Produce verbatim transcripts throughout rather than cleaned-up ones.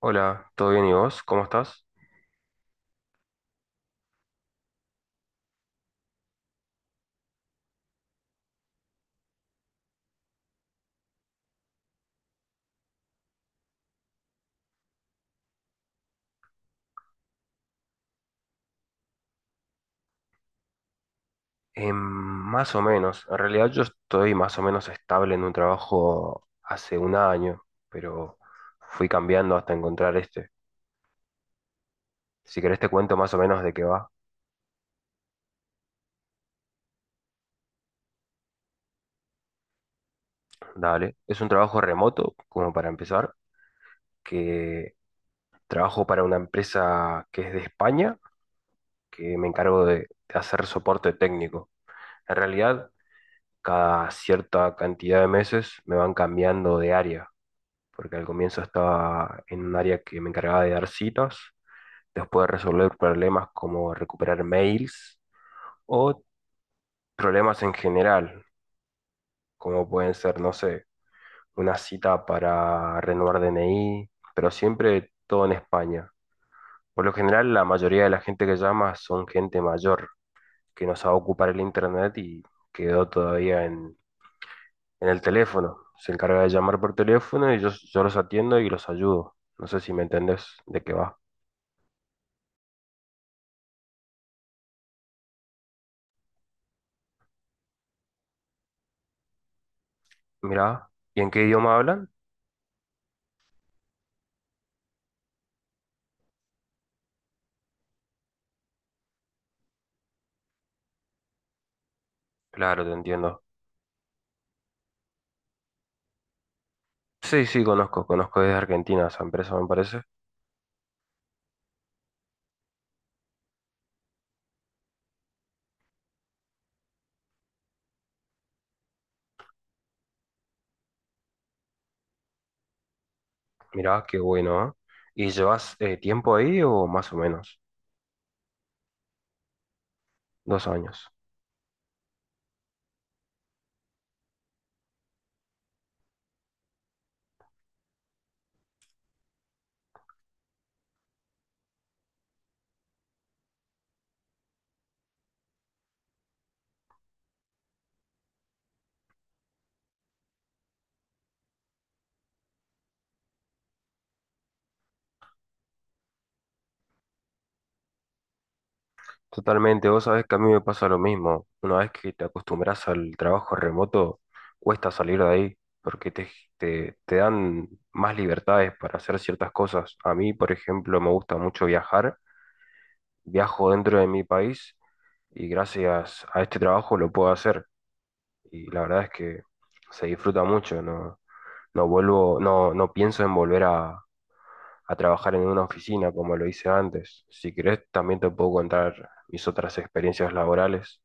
Hola, ¿todo bien y vos? ¿Cómo estás? Em, más o menos. En realidad yo estoy más o menos estable en un trabajo hace un año, pero fui cambiando hasta encontrar este. Si querés te cuento más o menos de qué va. Dale. Es un trabajo remoto, como para empezar, que trabajo para una empresa que es de España, que me encargo de, de hacer soporte técnico. En realidad, cada cierta cantidad de meses me van cambiando de área, porque al comienzo estaba en un área que me encargaba de dar citas, después de resolver problemas como recuperar mails o problemas en general, como pueden ser, no sé, una cita para renovar D N I, pero siempre todo en España. Por lo general, la mayoría de la gente que llama son gente mayor que no sabe ocupar el internet y quedó todavía en, en el teléfono. Se encarga de llamar por teléfono y yo, yo los atiendo y los ayudo. No sé si me entendés de qué va. Mirá, ¿y en qué idioma hablan? Claro, te entiendo. Sí, sí, conozco, conozco desde Argentina esa empresa, me parece. Mirá, qué bueno, ¿eh? ¿Y llevas eh, tiempo ahí o más o menos? Dos años. Totalmente, vos sabés que a mí me pasa lo mismo. Una vez que te acostumbras al trabajo remoto, cuesta salir de ahí, porque te, te, te dan más libertades para hacer ciertas cosas. A mí, por ejemplo, me gusta mucho viajar, viajo dentro de mi país y gracias a este trabajo lo puedo hacer. Y la verdad es que se disfruta mucho. No, no vuelvo, no, no pienso en volver a, a trabajar en una oficina como lo hice antes. Si querés, también te puedo contar mis otras experiencias laborales.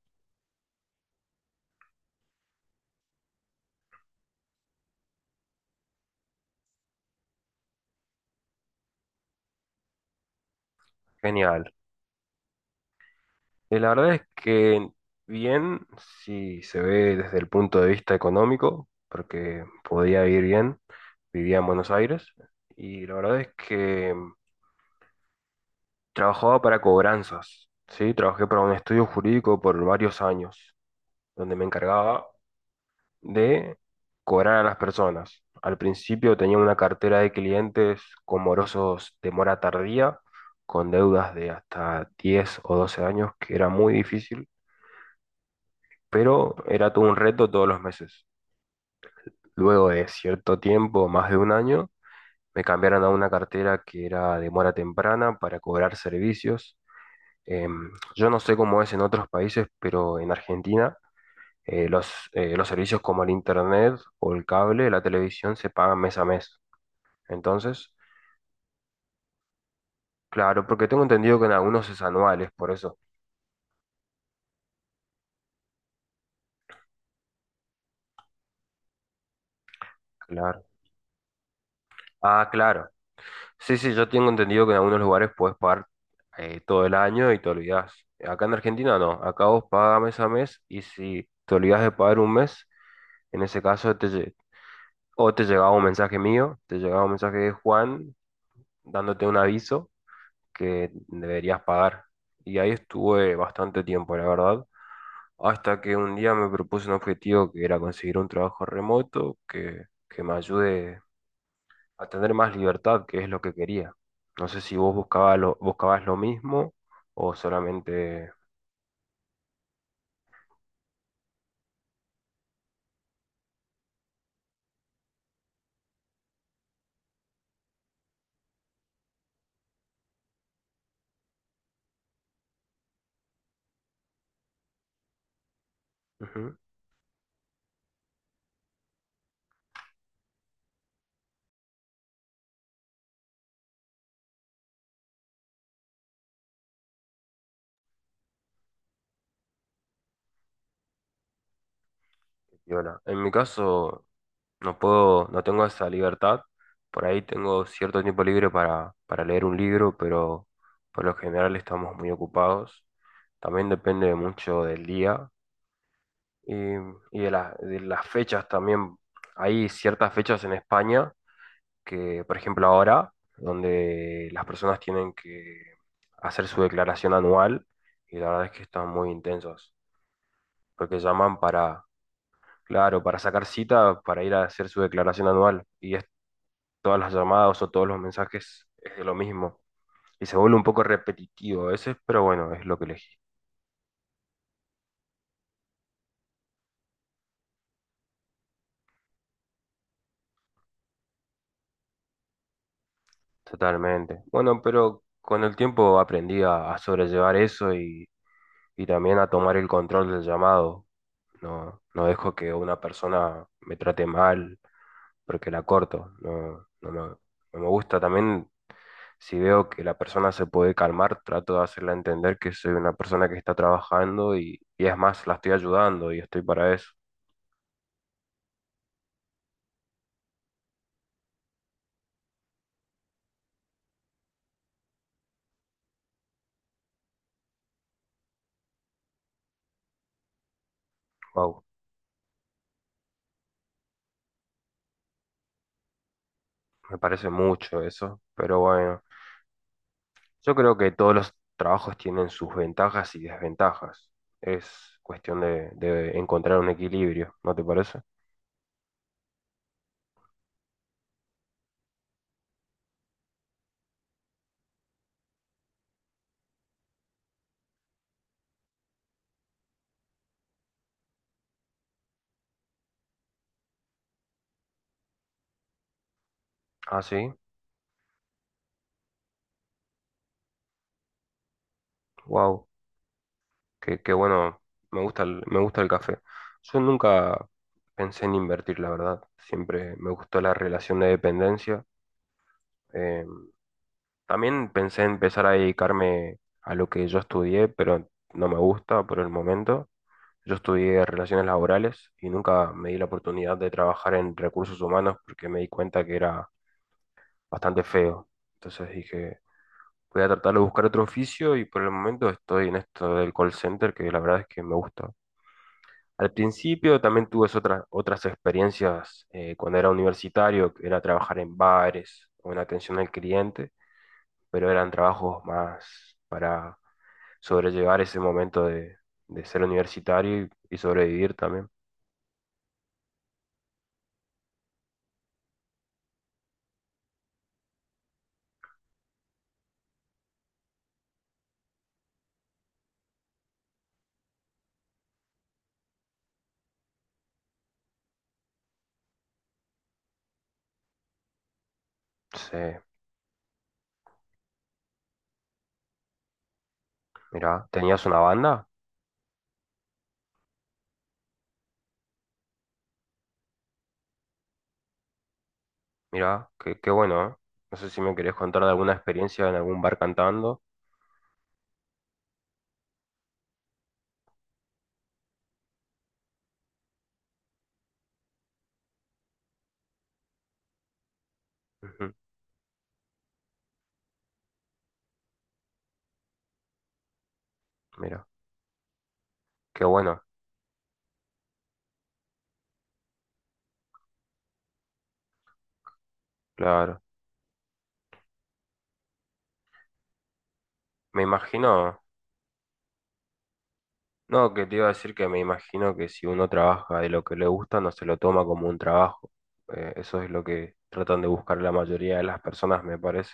Genial. Y la verdad es que bien, si se ve desde el punto de vista económico, porque podía ir bien, vivía en Buenos Aires, y la verdad es que trabajaba para cobranzas, ¿sí? Trabajé para un estudio jurídico por varios años, donde me encargaba de cobrar a las personas. Al principio tenía una cartera de clientes con morosos de mora tardía, con deudas de hasta diez o doce años, que era muy difícil, pero era todo un reto todos los meses. Luego de cierto tiempo, más de un año, me cambiaron a una cartera que era de mora temprana para cobrar servicios. Em, yo no sé cómo es en otros países, pero en Argentina eh, los, eh, los servicios como el internet o el cable, la televisión se pagan mes a mes. Entonces, claro, porque tengo entendido que en algunos es anuales, por eso. Claro. Ah, claro. Sí, sí, yo tengo entendido que en algunos lugares puedes pagar eh, todo el año y te olvidás. Acá en Argentina no. Acá vos pagas mes a mes y si te olvidás de pagar un mes, en ese caso te, lle- o te llegaba un mensaje mío, te llegaba un mensaje de Juan dándote un aviso que deberías pagar. Y ahí estuve bastante tiempo, la verdad. Hasta que un día me propuse un objetivo que era conseguir un trabajo remoto que, que me ayude a tener más libertad, que es lo que quería. No sé si vos buscabas lo, buscabas lo mismo o solamente... Ujú, y hola. En mi caso, no puedo, no tengo esa libertad. Por ahí tengo cierto tiempo libre para, para leer un libro, pero por lo general estamos muy ocupados. También depende mucho del día. Y, y de, la- de las fechas también, hay ciertas fechas en España que, por ejemplo, ahora, donde las personas tienen que hacer su declaración anual y la verdad es que están muy intensos, porque llaman para, claro, para sacar cita, para ir a hacer su declaración anual y es, todas las llamadas o todos los mensajes es de lo mismo. Y se vuelve un poco repetitivo a veces, pero bueno, es lo que elegí. Totalmente. Bueno, pero con el tiempo aprendí a, a sobrellevar eso y y también a tomar el control del llamado. No, no dejo que una persona me trate mal porque la corto. No, no me, no me gusta. También si veo que la persona se puede calmar, trato de hacerla entender que soy una persona que está trabajando y, y es más, la estoy ayudando y estoy para eso. Wow, me parece mucho eso. Pero bueno, yo creo que todos los trabajos tienen sus ventajas y desventajas. Es cuestión de, de encontrar un equilibrio, ¿no te parece? Ah, sí. Wow. que, que bueno, me gusta el, me gusta el café. Yo nunca pensé en invertir, la verdad. Siempre me gustó la relación de dependencia. Eh, También pensé en empezar a dedicarme a lo que yo estudié, pero no me gusta por el momento. Yo estudié relaciones laborales y nunca me di la oportunidad de trabajar en recursos humanos porque me di cuenta que era bastante feo. Entonces dije, voy a tratar de buscar otro oficio y por el momento estoy en esto del call center, que la verdad es que me gusta. Al principio también tuve otras, otras experiencias eh, cuando era universitario, que era trabajar en bares o en atención al cliente, pero eran trabajos más para sobrellevar ese momento de, de ser universitario y, y sobrevivir también. Sí, mirá, ¿tenías una banda? Mirá, qué, qué bueno, ¿eh? No sé si me querés contar de alguna experiencia en algún bar cantando. Ujú, mira, qué bueno, claro. Me imagino. No, que te iba a decir que me imagino que si uno trabaja de lo que le gusta, no se lo toma como un trabajo. Eh, eso es lo que tratan de buscar la mayoría de las personas, me parece.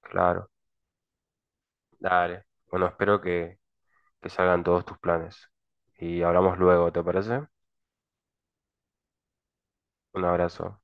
Claro, dale. Bueno, espero que, que salgan todos tus planes. Y hablamos luego, ¿te parece? Un abrazo.